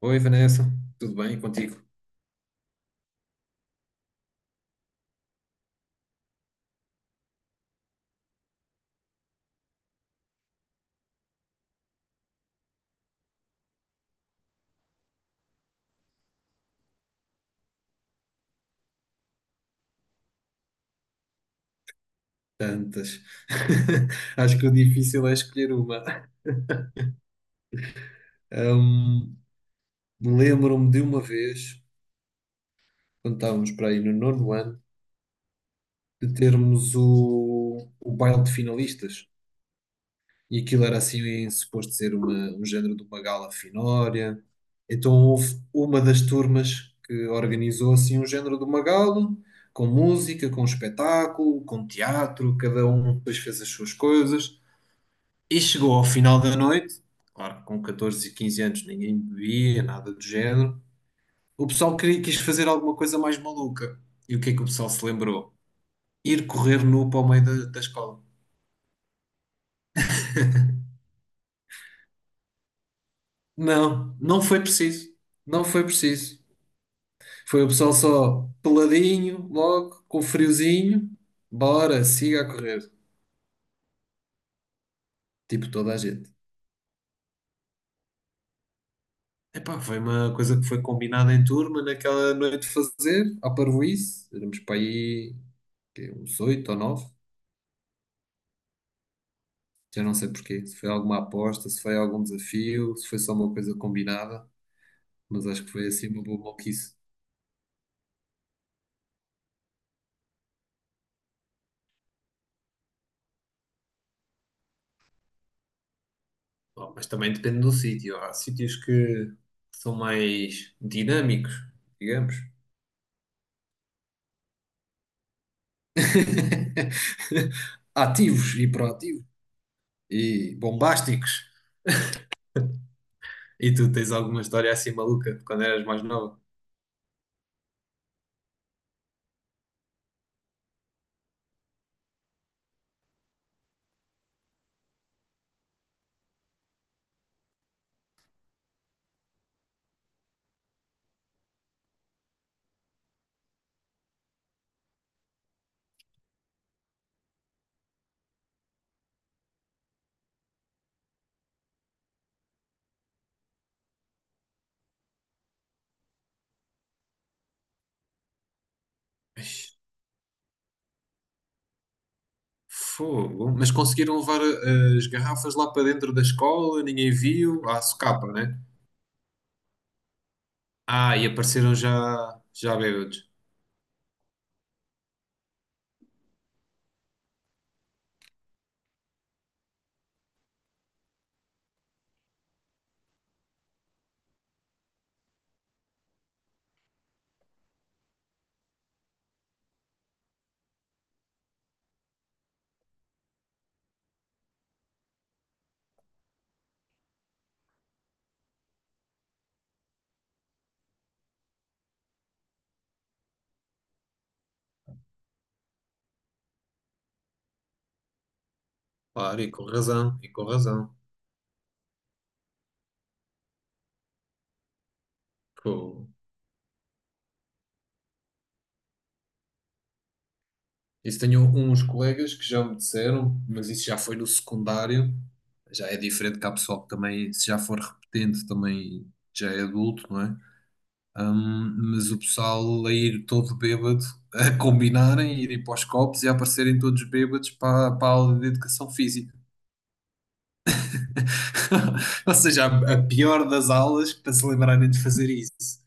Oi Vanessa, tudo bem contigo? Tantas. Acho que o difícil é escolher uma. Lembro-me de uma vez, quando estávamos para aí no nono ano, de termos o baile de finalistas. E aquilo era assim, suposto ser um género de uma gala finória. Então houve uma das turmas que organizou assim um género de uma gala, com música, com espetáculo, com teatro, cada um depois fez as suas coisas. E chegou ao final da noite, claro, com 14 e 15 anos ninguém bebia, nada do género. O pessoal queria, quis fazer alguma coisa mais maluca. E o que é que o pessoal se lembrou? Ir correr nu para o meio da escola. Não, não foi preciso. Não foi preciso. Foi o pessoal só peladinho, logo, com friozinho. Bora, siga a correr. Tipo toda a gente. Epá, foi uma coisa que foi combinada em turma naquela noite de fazer, à parvoíce. Éramos para aí quê, uns oito ou nove. Já não sei porquê, se foi alguma aposta, se foi algum desafio, se foi só uma coisa combinada, mas acho que foi assim uma boa maluquice. Bom, mas também depende do sítio. Há sítios que são mais dinâmicos, digamos. Ativos e proativos e bombásticos. E tu tens alguma história assim maluca de quando eras mais nova? Fogo. Mas conseguiram levar as garrafas lá para dentro da escola, ninguém viu, à socapa, né? Ah, e apareceram já bêbados. Claro, e com razão, e com razão. Pô, isso tenho uns colegas que já me disseram, mas isso já foi no secundário, já é diferente que há pessoal que também, se já for repetente, também já é adulto, não é? Mas o pessoal a ir todo bêbado, a combinarem, irem para os copos e a aparecerem todos bêbados para a aula de educação física. Ou seja, a pior das aulas para se lembrarem de fazer isso.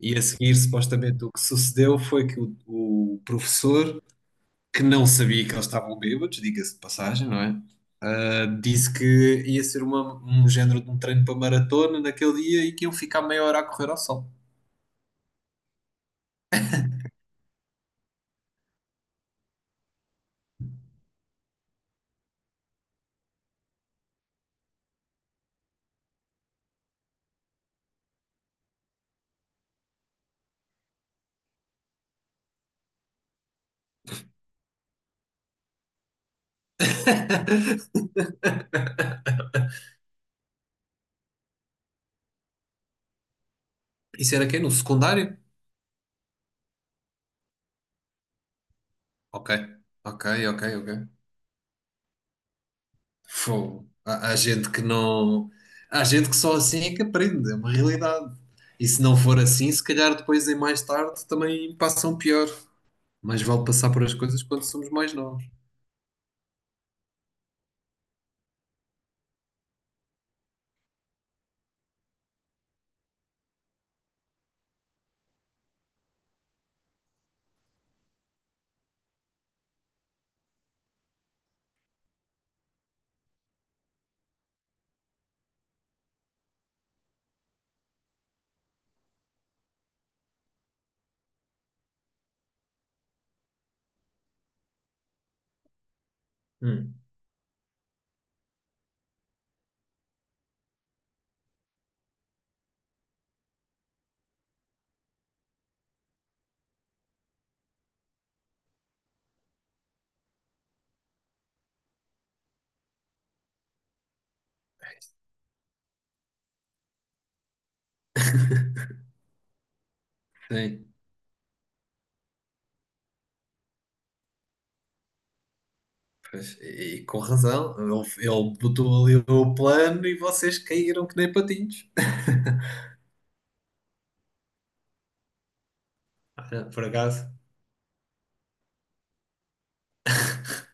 E a seguir, supostamente, o que sucedeu foi que o professor que não sabia que eles estavam bêbados, diga-se de passagem, não é? Ah, disse que ia ser um género de um treino para maratona naquele dia e que iam ficar meia hora a correr ao sol. Isso era quem? No secundário? Ok, ok, ok, ok. Fogo. Há gente que não. Há gente que só assim é que aprende, é uma realidade. E se não for assim, se calhar depois em mais tarde também passam pior. Mas vale passar por as coisas quando somos mais novos. Hum. Sim. Pois, e com razão, ele botou ali o plano e vocês caíram que nem patinhos. Ah, por acaso,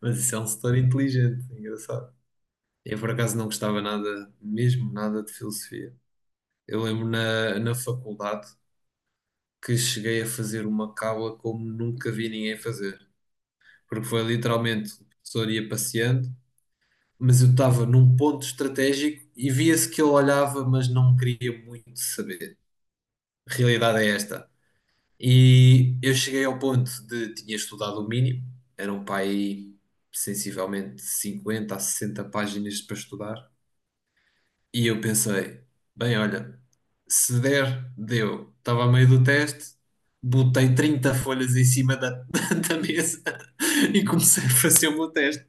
mas isso é um setor inteligente, é engraçado. Eu por acaso não gostava nada, mesmo nada de filosofia. Eu lembro na faculdade que cheguei a fazer uma cábula como nunca vi ninguém fazer, porque foi literalmente o professor ia passeando, mas eu estava num ponto estratégico e via-se que ele olhava, mas não queria muito saber. A realidade é esta. E eu cheguei ao ponto de tinha estudado o mínimo, eram para aí sensivelmente 50 a 60 páginas para estudar, e eu pensei, bem, olha, se der, deu. Estava a meio do teste, botei 30 folhas em cima da, da mesa e comecei a fazer o meu teste.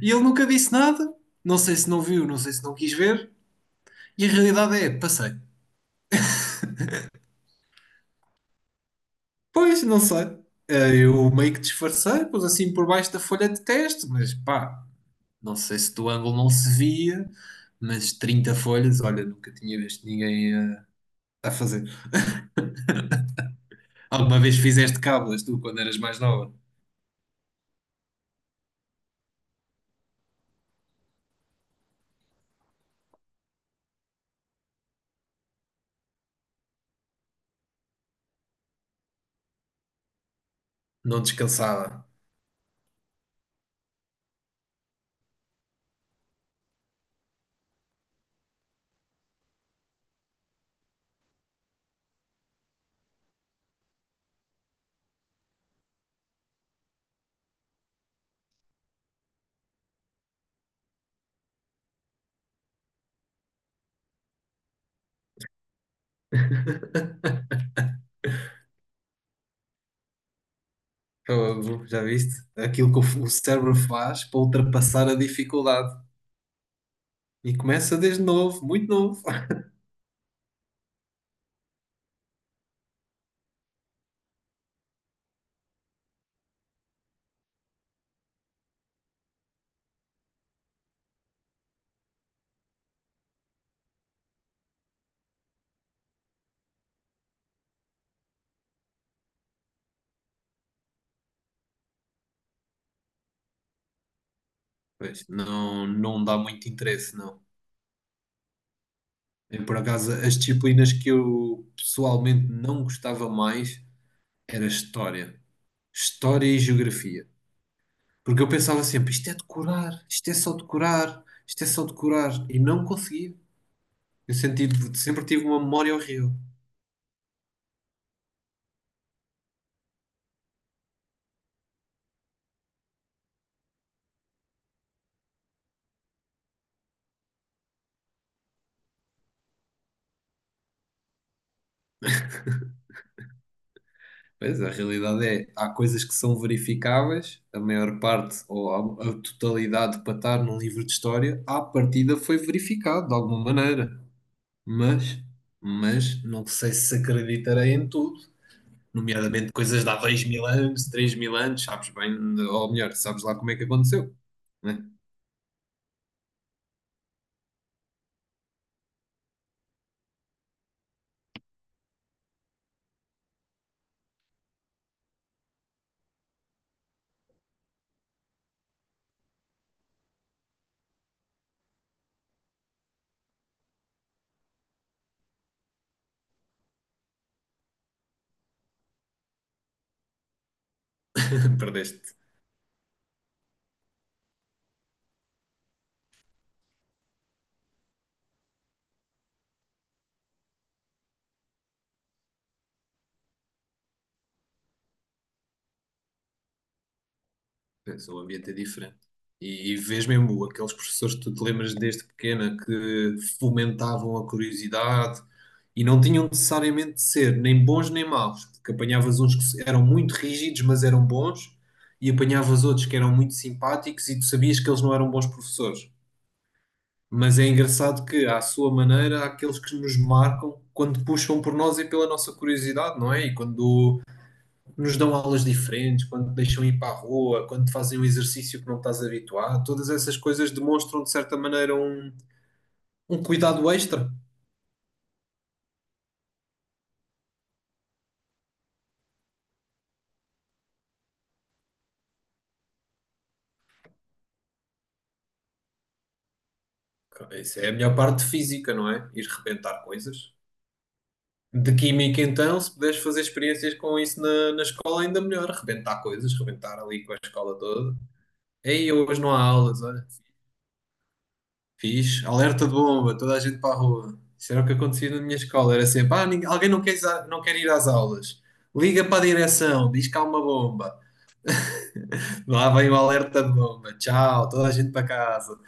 E ele nunca disse nada, não sei se não viu, não sei se não quis ver, e a realidade é, passei. Pois, não sei. Eu meio que disfarcei, pus assim por baixo da folha de teste, mas pá, não sei se do ângulo não se via, mas 30 folhas, olha, nunca tinha visto ninguém a, fazer. Alguma vez fizeste cábulas, tu, quando eras mais nova? Não descansava. Fogo, já viste? Aquilo que o cérebro faz para ultrapassar a dificuldade. E começa desde novo, muito novo. Pois, não, não dá muito interesse, não. E, por acaso, as disciplinas que eu pessoalmente não gostava mais era História. História e Geografia. Porque eu pensava sempre, isto é decorar, isto é só decorar, isto é só decorar. E não conseguia. Eu senti, sempre tive uma memória horrível. Pois, a realidade é, há coisas que são verificáveis, a maior parte, ou a totalidade para estar num livro de história, à partida foi verificado de alguma maneira. Mas, mas não sei se acreditarei em tudo. Nomeadamente coisas de há 2000 anos, 3000 anos, sabes bem, ou melhor, sabes lá como é que aconteceu, né? Perdeste. Pensa, o ambiente é diferente. E vês mesmo aqueles professores que tu te lembras desde pequena que fomentavam a curiosidade e não tinham necessariamente de ser nem bons nem maus, porque apanhavas uns que eram muito rígidos, mas eram bons, e apanhavas outros que eram muito simpáticos e tu sabias que eles não eram bons professores. Mas é engraçado que, à sua maneira, há aqueles que nos marcam quando puxam por nós e pela nossa curiosidade, não é? E quando nos dão aulas diferentes, quando te deixam ir para a rua, quando te fazem um exercício que não estás habituado, todas essas coisas demonstram de certa maneira um cuidado extra. Isso é a melhor parte física, não é? Ir rebentar coisas. De química, então, se puderes fazer experiências com isso na escola, ainda melhor. Rebentar coisas, rebentar ali com a escola toda. Ei, hoje não há aulas, olha. Fiz alerta de bomba, toda a gente para a rua. Isso era o que acontecia na minha escola. Era sempre, ah, alguém não quer, não quer ir às aulas. Liga para a direção, diz que há uma bomba. Lá vem o alerta de bomba. Tchau, toda a gente para casa.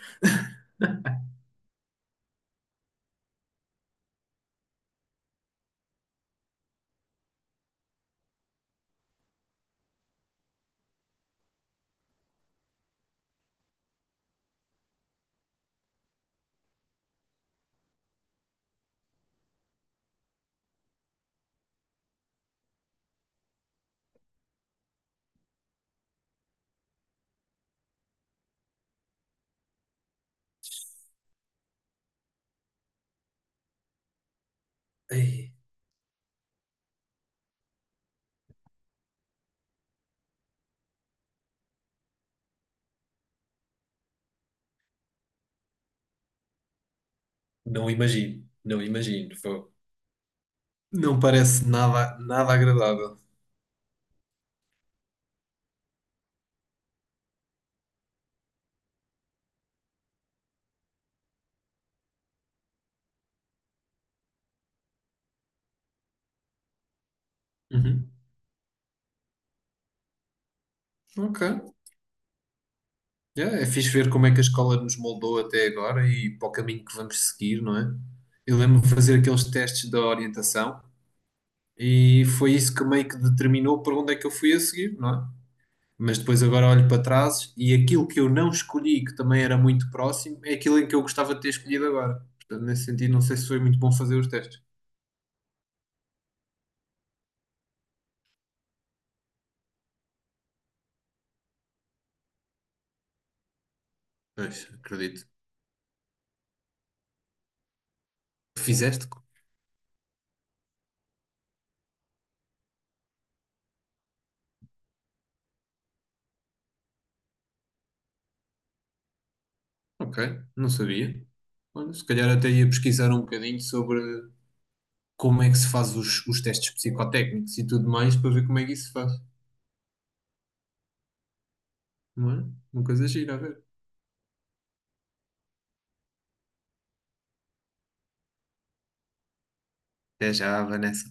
Ei, não imagino, não imagino. Fogo. Não parece nada, nada agradável. Uhum. Ok. Yeah, é fixe ver como é que a escola nos moldou até agora e para o caminho que vamos seguir, não é? Eu lembro-me de fazer aqueles testes da orientação e foi isso que meio que determinou para onde é que eu fui a seguir, não é? Mas depois agora olho para trás e aquilo que eu não escolhi, que também era muito próximo, é aquilo em que eu gostava de ter escolhido agora. Portanto, nesse sentido, não sei se foi muito bom fazer os testes. Pois, acredito. Fizeste? Ok, não sabia. Olha, se calhar até ia pesquisar um bocadinho sobre como é que se faz os testes psicotécnicos e tudo mais para ver como é que isso se faz, não é? Uma coisa gira, a ver. Até já, Vanessa.